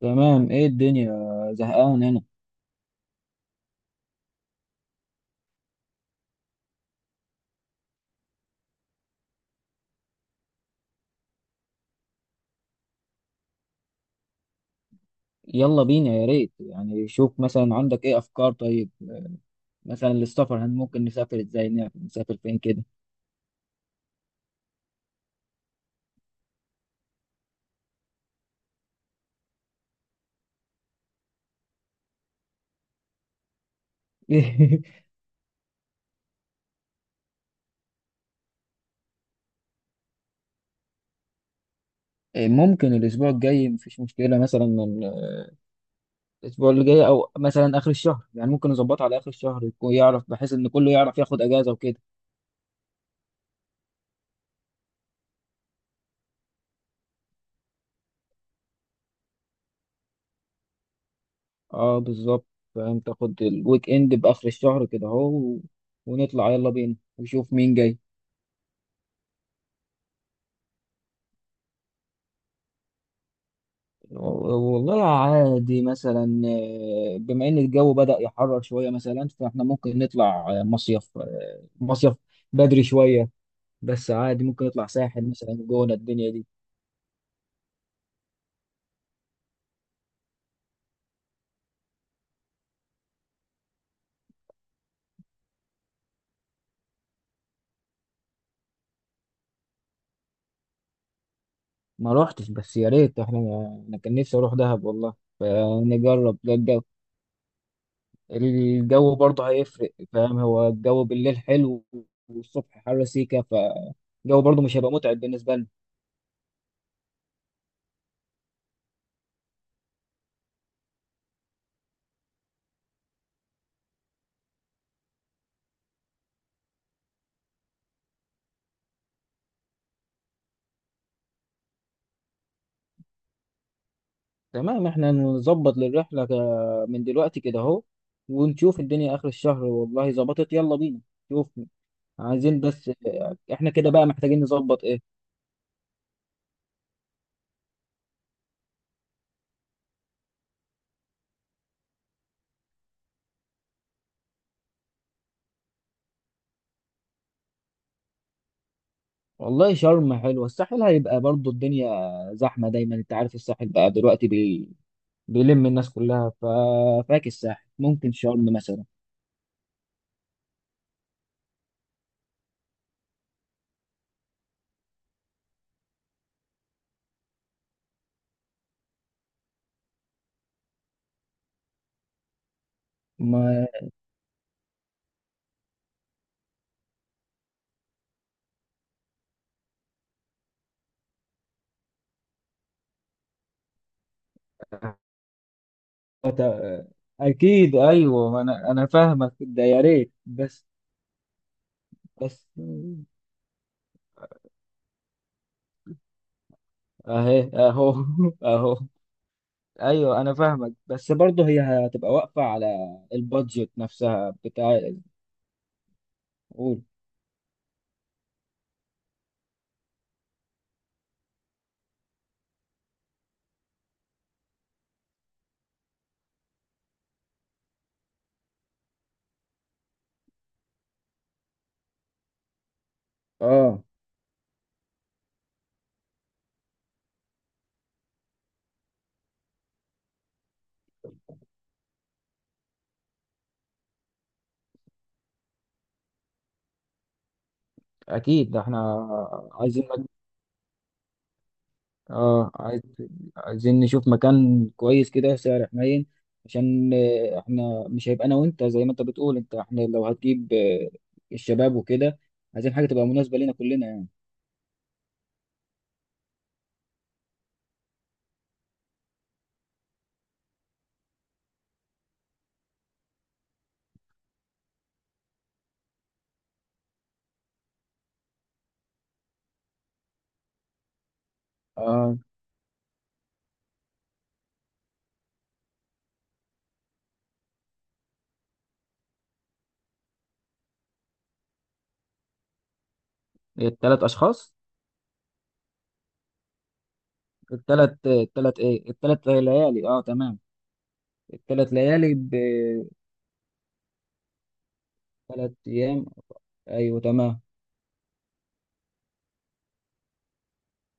تمام، ايه الدنيا؟ زهقان هنا. يلا بينا، يا ريت. يعني شوف مثلا عندك ايه افكار؟ طيب مثلا للسفر هن ممكن نسافر ازاي، نعرف نسافر فين كده. ممكن الاسبوع الجاي مفيش مشكلة، مثلا من الاسبوع اللي جاي او مثلا اخر الشهر. يعني ممكن نظبطها على اخر الشهر، يكون يعرف بحيث ان كله يعرف ياخد اجازة وكده. اه بالظبط، فاهم؟ تاخد الويك اند باخر الشهر كده اهو ونطلع. يلا بينا ونشوف مين جاي. والله عادي، مثلا بما ان الجو بدأ يحرر شوية، مثلا فاحنا ممكن نطلع مصيف، مصيف بدري شوية، بس عادي ممكن نطلع ساحل مثلا، جونة، الدنيا دي. ما روحتش، بس يا ريت. احنا انا كان نفسي اروح دهب والله، فنجرب ده الجو. الجو برضه هيفرق، فاهم؟ هو الجو بالليل حلو والصبح حر سيكا، فالجو برضه مش هيبقى متعب بالنسبة لنا. تمام، احنا نظبط للرحلة من دلوقتي كده اهو، ونشوف الدنيا آخر الشهر. والله ظبطت، يلا بينا. شوف، عايزين بس اه، احنا كده بقى محتاجين نظبط ايه. والله شرم حلوة، الساحل هيبقى برضو الدنيا زحمة دايما. انت عارف الساحل بقى دلوقتي بيلم الناس كلها، ففاك الساحل، ممكن شرم مثلا. ما اكيد ايوه، انا فاهمك. ده يا ريت، بس بس اهي اهو. اهو. ايوه انا فاهمك، بس برضه هي هتبقى واقفه على البادجت نفسها بتاع. قول. اه اكيد، ده احنا عايزين اه عايزين نشوف مكان كويس كده، سعر حنين. عشان آه، احنا مش هيبقى انا وانت، زي ما انت بتقول. انت احنا لو هتجيب آه، الشباب وكده، عايزين حاجه تبقى مناسبه لينا كلنا يعني. اه الثلاث اشخاص. الثلاث ليالي، اه تمام. الثلاث ليالي بثلاث ايام، ايوه تمام.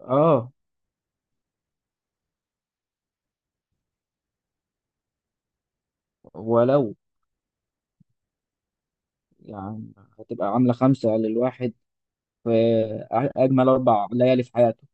اه ولو يعني هتبقى عاملة خمسة للواحد، في أجمل أربع ليالي في حياته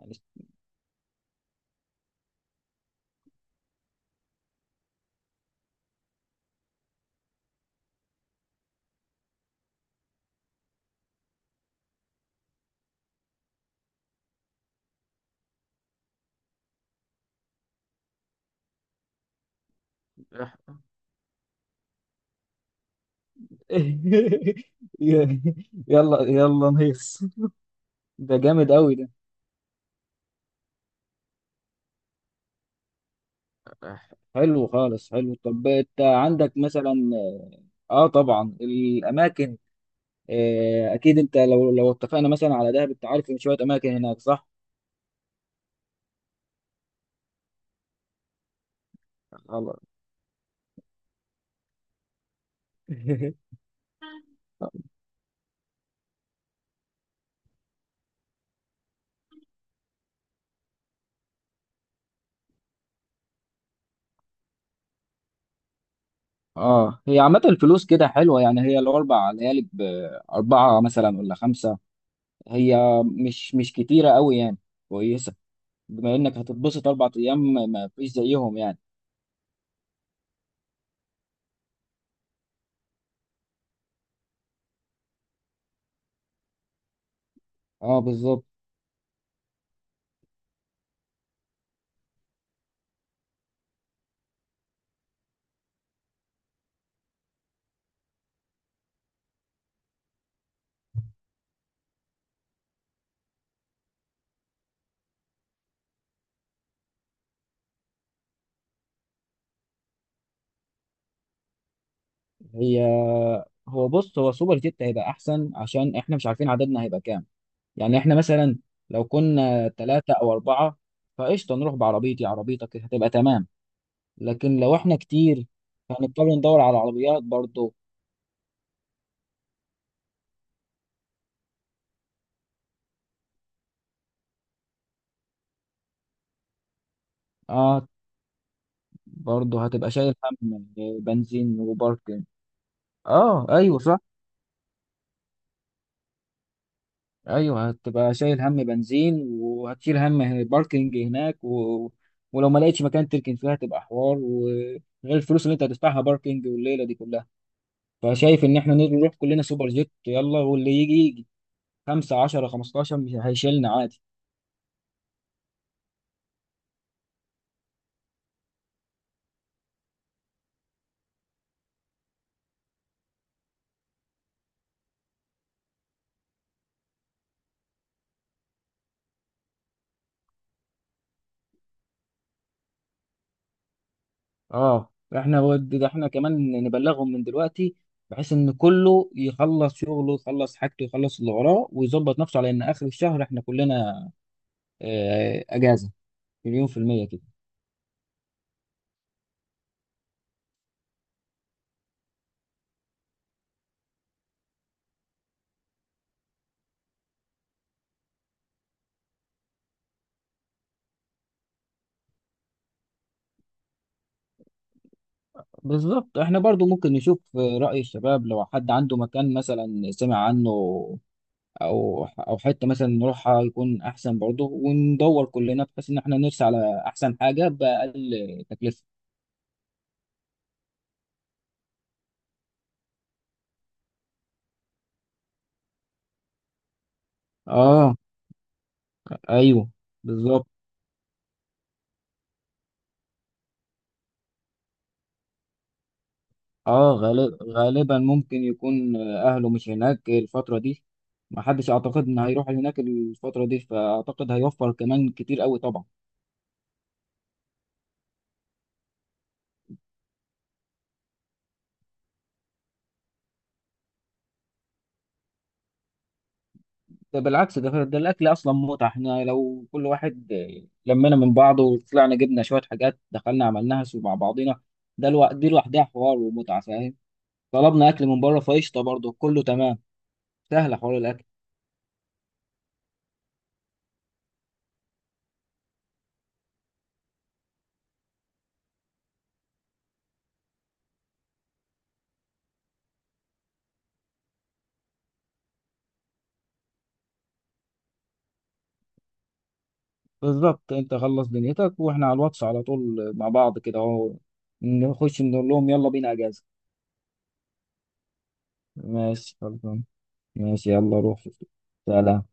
يعني. إح- يلا يلا نهيص، ده جامد أوي ده. حلو خالص، حلو. طب انت عندك مثلا، اه طبعا الاماكن، آه اكيد انت، لو لو اتفقنا مثلا على دهب، انت عارف ان شويه اماكن هناك، صح؟ خلاص. اه، هي عامه الفلوس كده حلوه يعني. هي الاربع ليالي باربعه مثلا ولا خمسه، هي مش مش كتيرة قوي يعني، كويسة. بما انك هتتبسط اربع ايام، ما ما فيش زيهم يعني. اه بالظبط. هي هو بص، هو سوبر جيت هيبقى احسن عشان احنا مش عارفين عددنا هيبقى كام. يعني احنا مثلا لو كنا ثلاثة او اربعة فقشطة، نروح بعربيتي عربيتك هتبقى تمام. لكن لو احنا كتير هنضطر ندور على عربيات برضه. اه برضه هتبقى شايل هم آه، بنزين وباركن. اه ايوه ايوه، هتبقى شايل هم بنزين وهتشيل هم باركنج هناك و... ولو ما لقيتش مكان تركن فيها هتبقى حوار، وغير الفلوس اللي انت هتدفعها باركنج والليله دي كلها. فشايف ان احنا نروح كلنا سوبر جيت، يلا واللي يجي يجي. 5 10 15 مش هيشيلنا عادي. اه احنا ده احنا كمان نبلغهم من دلوقتي، بحيث ان كله يخلص شغله، يخلص حاجته، يخلص اللي وراه ويظبط نفسه على ان اخر الشهر احنا كلنا آه، اجازه، 100% كده. بالظبط. احنا برضو ممكن نشوف رأي الشباب، لو حد عنده مكان مثلا سمع عنه، او حتة مثلا نروحها يكون احسن برضو، وندور كلنا بحيث ان احنا نرسى على احسن حاجة بأقل تكلفة. اه ايوه بالظبط. اه غالبا ممكن يكون اهله مش هناك الفترة دي. ما حدش اعتقد ان هيروح هناك الفترة دي، فاعتقد هيوفر كمان كتير قوي طبعا. ده بالعكس، ده الاكل اصلا متعه. احنا لو كل واحد لمينا من بعضه، وطلعنا جبنا شويه حاجات دخلنا عملناها سوا مع بعضينا، ده الوقت دي لوحدها حوار ومتعه، فاهم؟ طلبنا اكل من بره فقشطه برضه، كله تمام. سهل، حوار الاكل. بالظبط، انت خلص دنيتك واحنا على الواتس على طول مع بعض كده اهو، نخش نقول لهم يلا بينا اجازه. ماشي خلصان. ماشي يلا روح. سلام.